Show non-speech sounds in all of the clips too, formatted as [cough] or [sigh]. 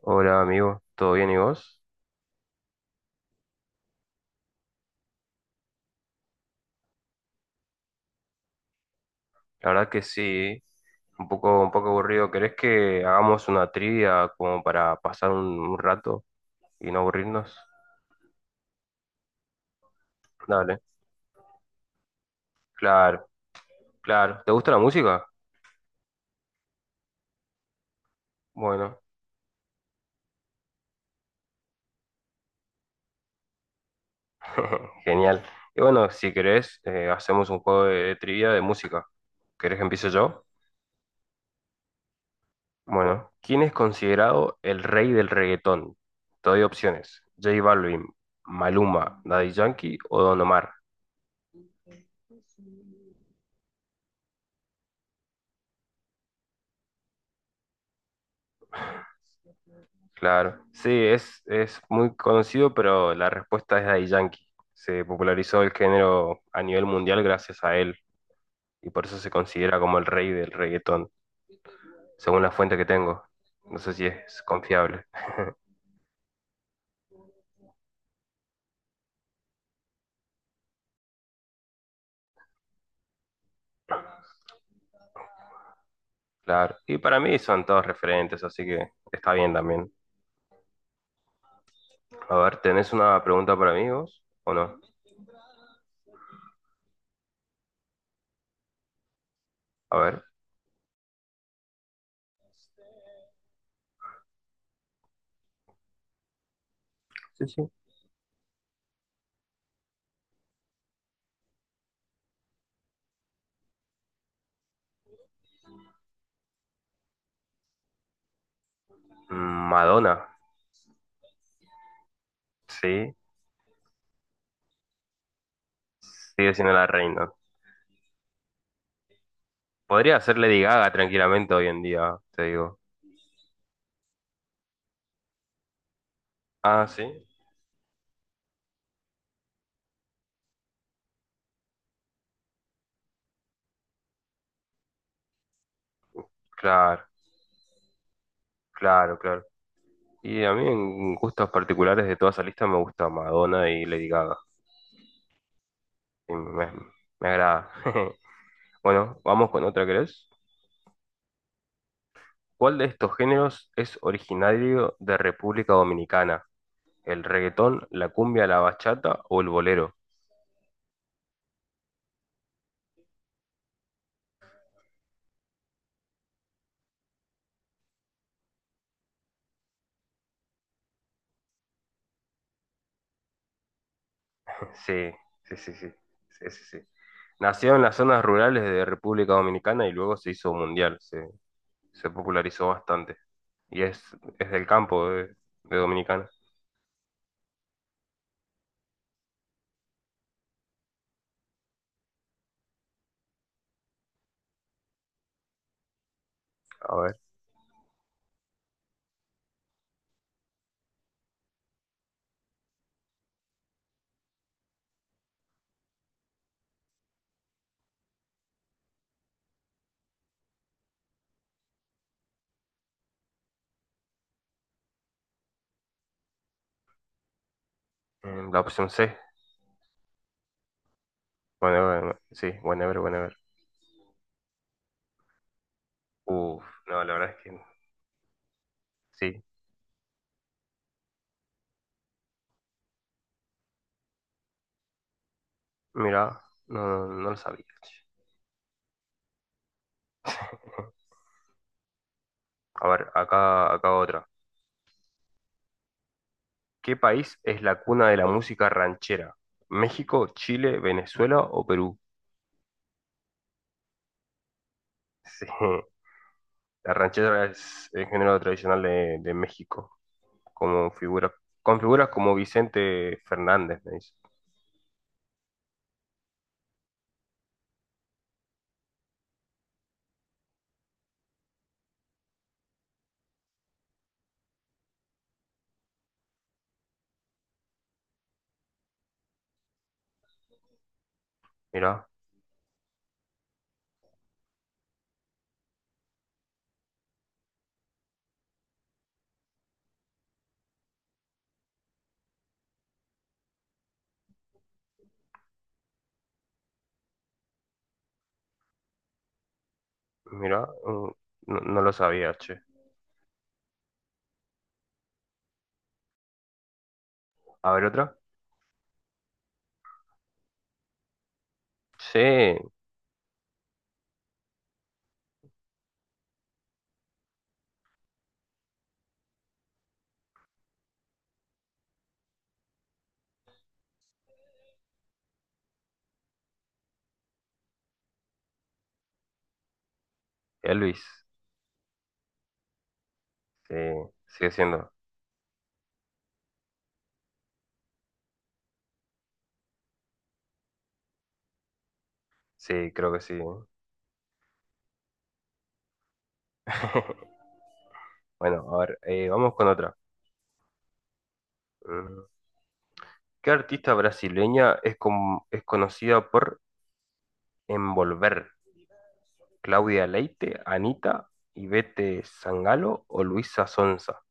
Hola amigo, ¿todo bien y vos? La verdad que sí, un poco aburrido. ¿Querés que hagamos una trivia como para pasar un rato y no aburrirnos? Dale, claro, claro. ¿Te gusta la música? Bueno, [laughs] genial. Y bueno, si querés, hacemos un juego de trivia de música. ¿Querés que empiece yo? Bueno, ¿quién es considerado el rey del reggaetón? Te doy opciones. J Balvin, Maluma, Daddy Yankee o Don Omar. Claro, sí, es muy conocido, pero la respuesta es Daddy Yankee. Se popularizó el género a nivel mundial gracias a él y por eso se considera como el rey del reggaetón, según la fuente que tengo. No sé si es confiable. Claro, y para mí son todos referentes, así que está bien también. A ver, ¿tenés una pregunta para mí vos o no? A ver. Sí, sí. Mm, Madonna, sí, sigue siendo la reina. Podría ser Lady Gaga tranquilamente hoy en día, te digo. Ah, sí, claro, claro, claro. Y a mí en gustos particulares de toda esa lista me gusta Madonna y Lady Gaga. Y me, me agrada. [laughs] Bueno, vamos con otra, ¿querés? ¿Cuál de estos géneros es originario de República Dominicana? ¿El reggaetón, la cumbia, la bachata o el bolero? [laughs] Sí, sí, sí, sí, sí, sí, sí. Nació en las zonas rurales de República Dominicana y luego se hizo mundial, se popularizó bastante. Y es, es del campo de Dominicana. A ver, la opción C. Whenever, sí, whenever. Uf, no, la verdad es que sí. Mira, no lo sabía. A ver, acá otra. ¿Qué país es la cuna de la música ranchera? ¿México, Chile, Venezuela o Perú? [laughs] Sí, la ranchera es el género tradicional de México, como figura, con figuras como Vicente Fernández, me dice. Mira, mira, mm, no, no lo sabía, che. A ver, otra. Sí, Elvis, sí, sigue siendo. Sí, creo que sí. [laughs] Bueno, a ver, vamos con otra. Mm. ¿Qué artista brasileña es, es conocida por envolver? ¿Claudia Leite, Anita, Ivete Sangalo o Luisa Sonza?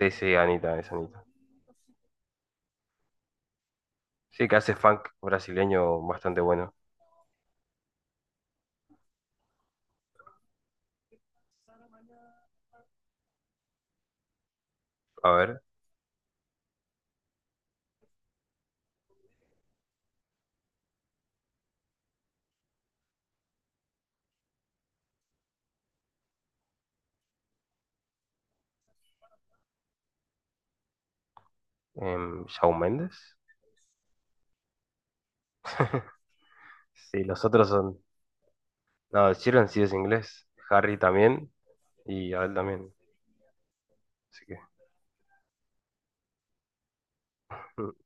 Sí, sí, Anita, es Anita. Sí, que hace funk brasileño bastante bueno. A ver, Shawn Mendes. Sí, los otros son. No, Sheeran sí es inglés. Harry también. Y Adele también. Así que. [laughs]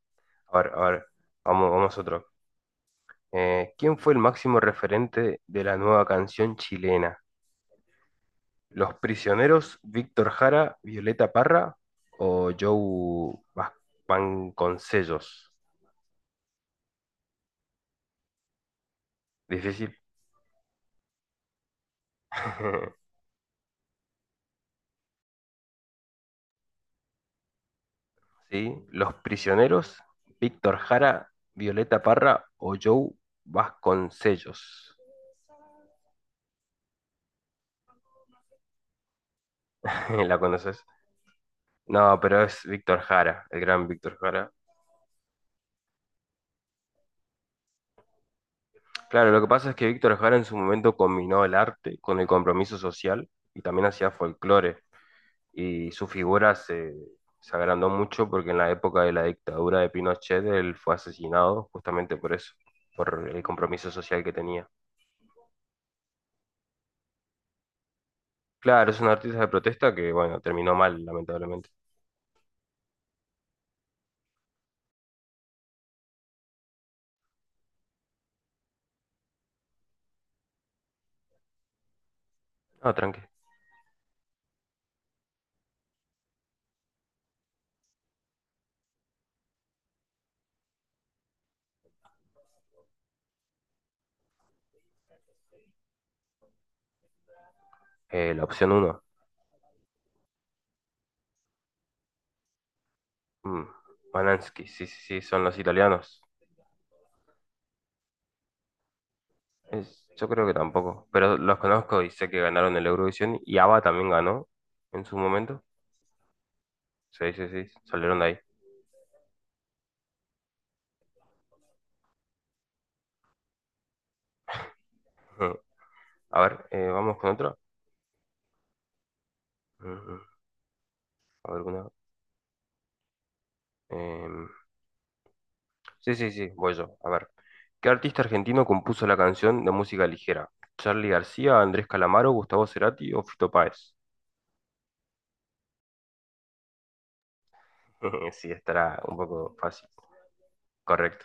A ver. Vamos a otro. ¿Quién fue el máximo referente de la nueva canción chilena? ¿Los Prisioneros, Víctor Jara, Violeta Parra o Vasconcellos? Difícil. [laughs] Sí, Los Prisioneros, Víctor Jara, Violeta Parra o Joe Vasconcellos. [laughs] ¿La conoces? No, pero es Víctor Jara, el gran Víctor Jara. Claro, lo que pasa es que Víctor Jara en su momento combinó el arte con el compromiso social y también hacía folclore. Y su se agrandó mucho porque en la época de la dictadura de Pinochet él fue asesinado justamente por eso, por el compromiso social que tenía. Claro, es un artista de protesta que, bueno, terminó mal, lamentablemente. No, tranqui. La opción 1. Manansky, sí, sí, sí, son los italianos. Es- yo creo que tampoco, pero los conozco y sé que ganaron el Eurovisión y ABBA también ganó en su momento. Sí, sí, sí, salieron de ahí. Ujú. A ver, vamos con otra. Ujú. A ver, una. em, Sí, sí, sí, voy yo. A ver. ¿Qué artista argentino compuso la canción de música ligera? ¿Charly García, Andrés Calamaro, Gustavo Cerati o Fito Páez? [laughs] Sí, estará un poco fácil. Correcto.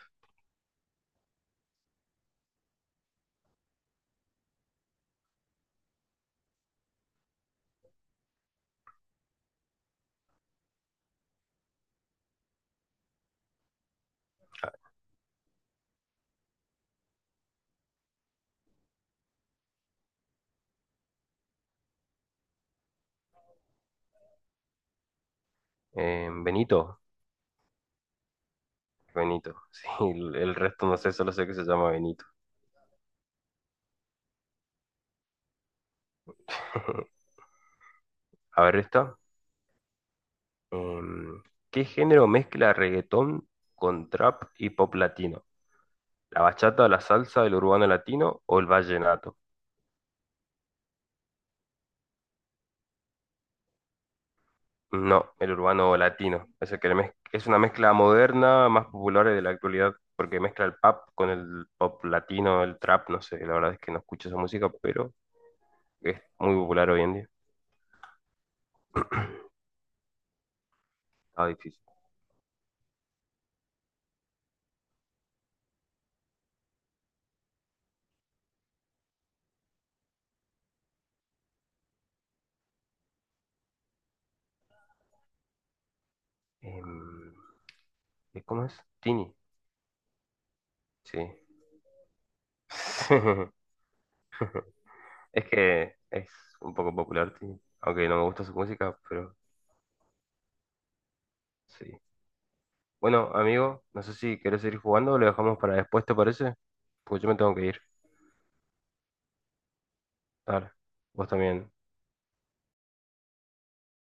Benito. Benito. [laughs] Sí, el resto no sé, solo sé que se llama Benito. [laughs] A ver esta. Em, ¿Qué género mezcla reggaetón con trap y pop latino? ¿La bachata, la salsa, el urbano latino o el vallenato? No, el urbano latino. Es, el que es una mezcla moderna, más popular de la actualidad, porque mezcla el pop con el pop latino, el trap, no sé, la verdad es que no escucho esa música, pero es muy popular hoy en día. Ah, difícil. Em, ¿Y ¿cómo es? Tini, sí. [laughs] Es que es un poco popular, Tini, aunque no me gusta su música, pero sí. Bueno, amigo, no sé si querés seguir jugando o lo dejamos para después, ¿te parece? Porque yo me tengo que ir. Dale, vos también.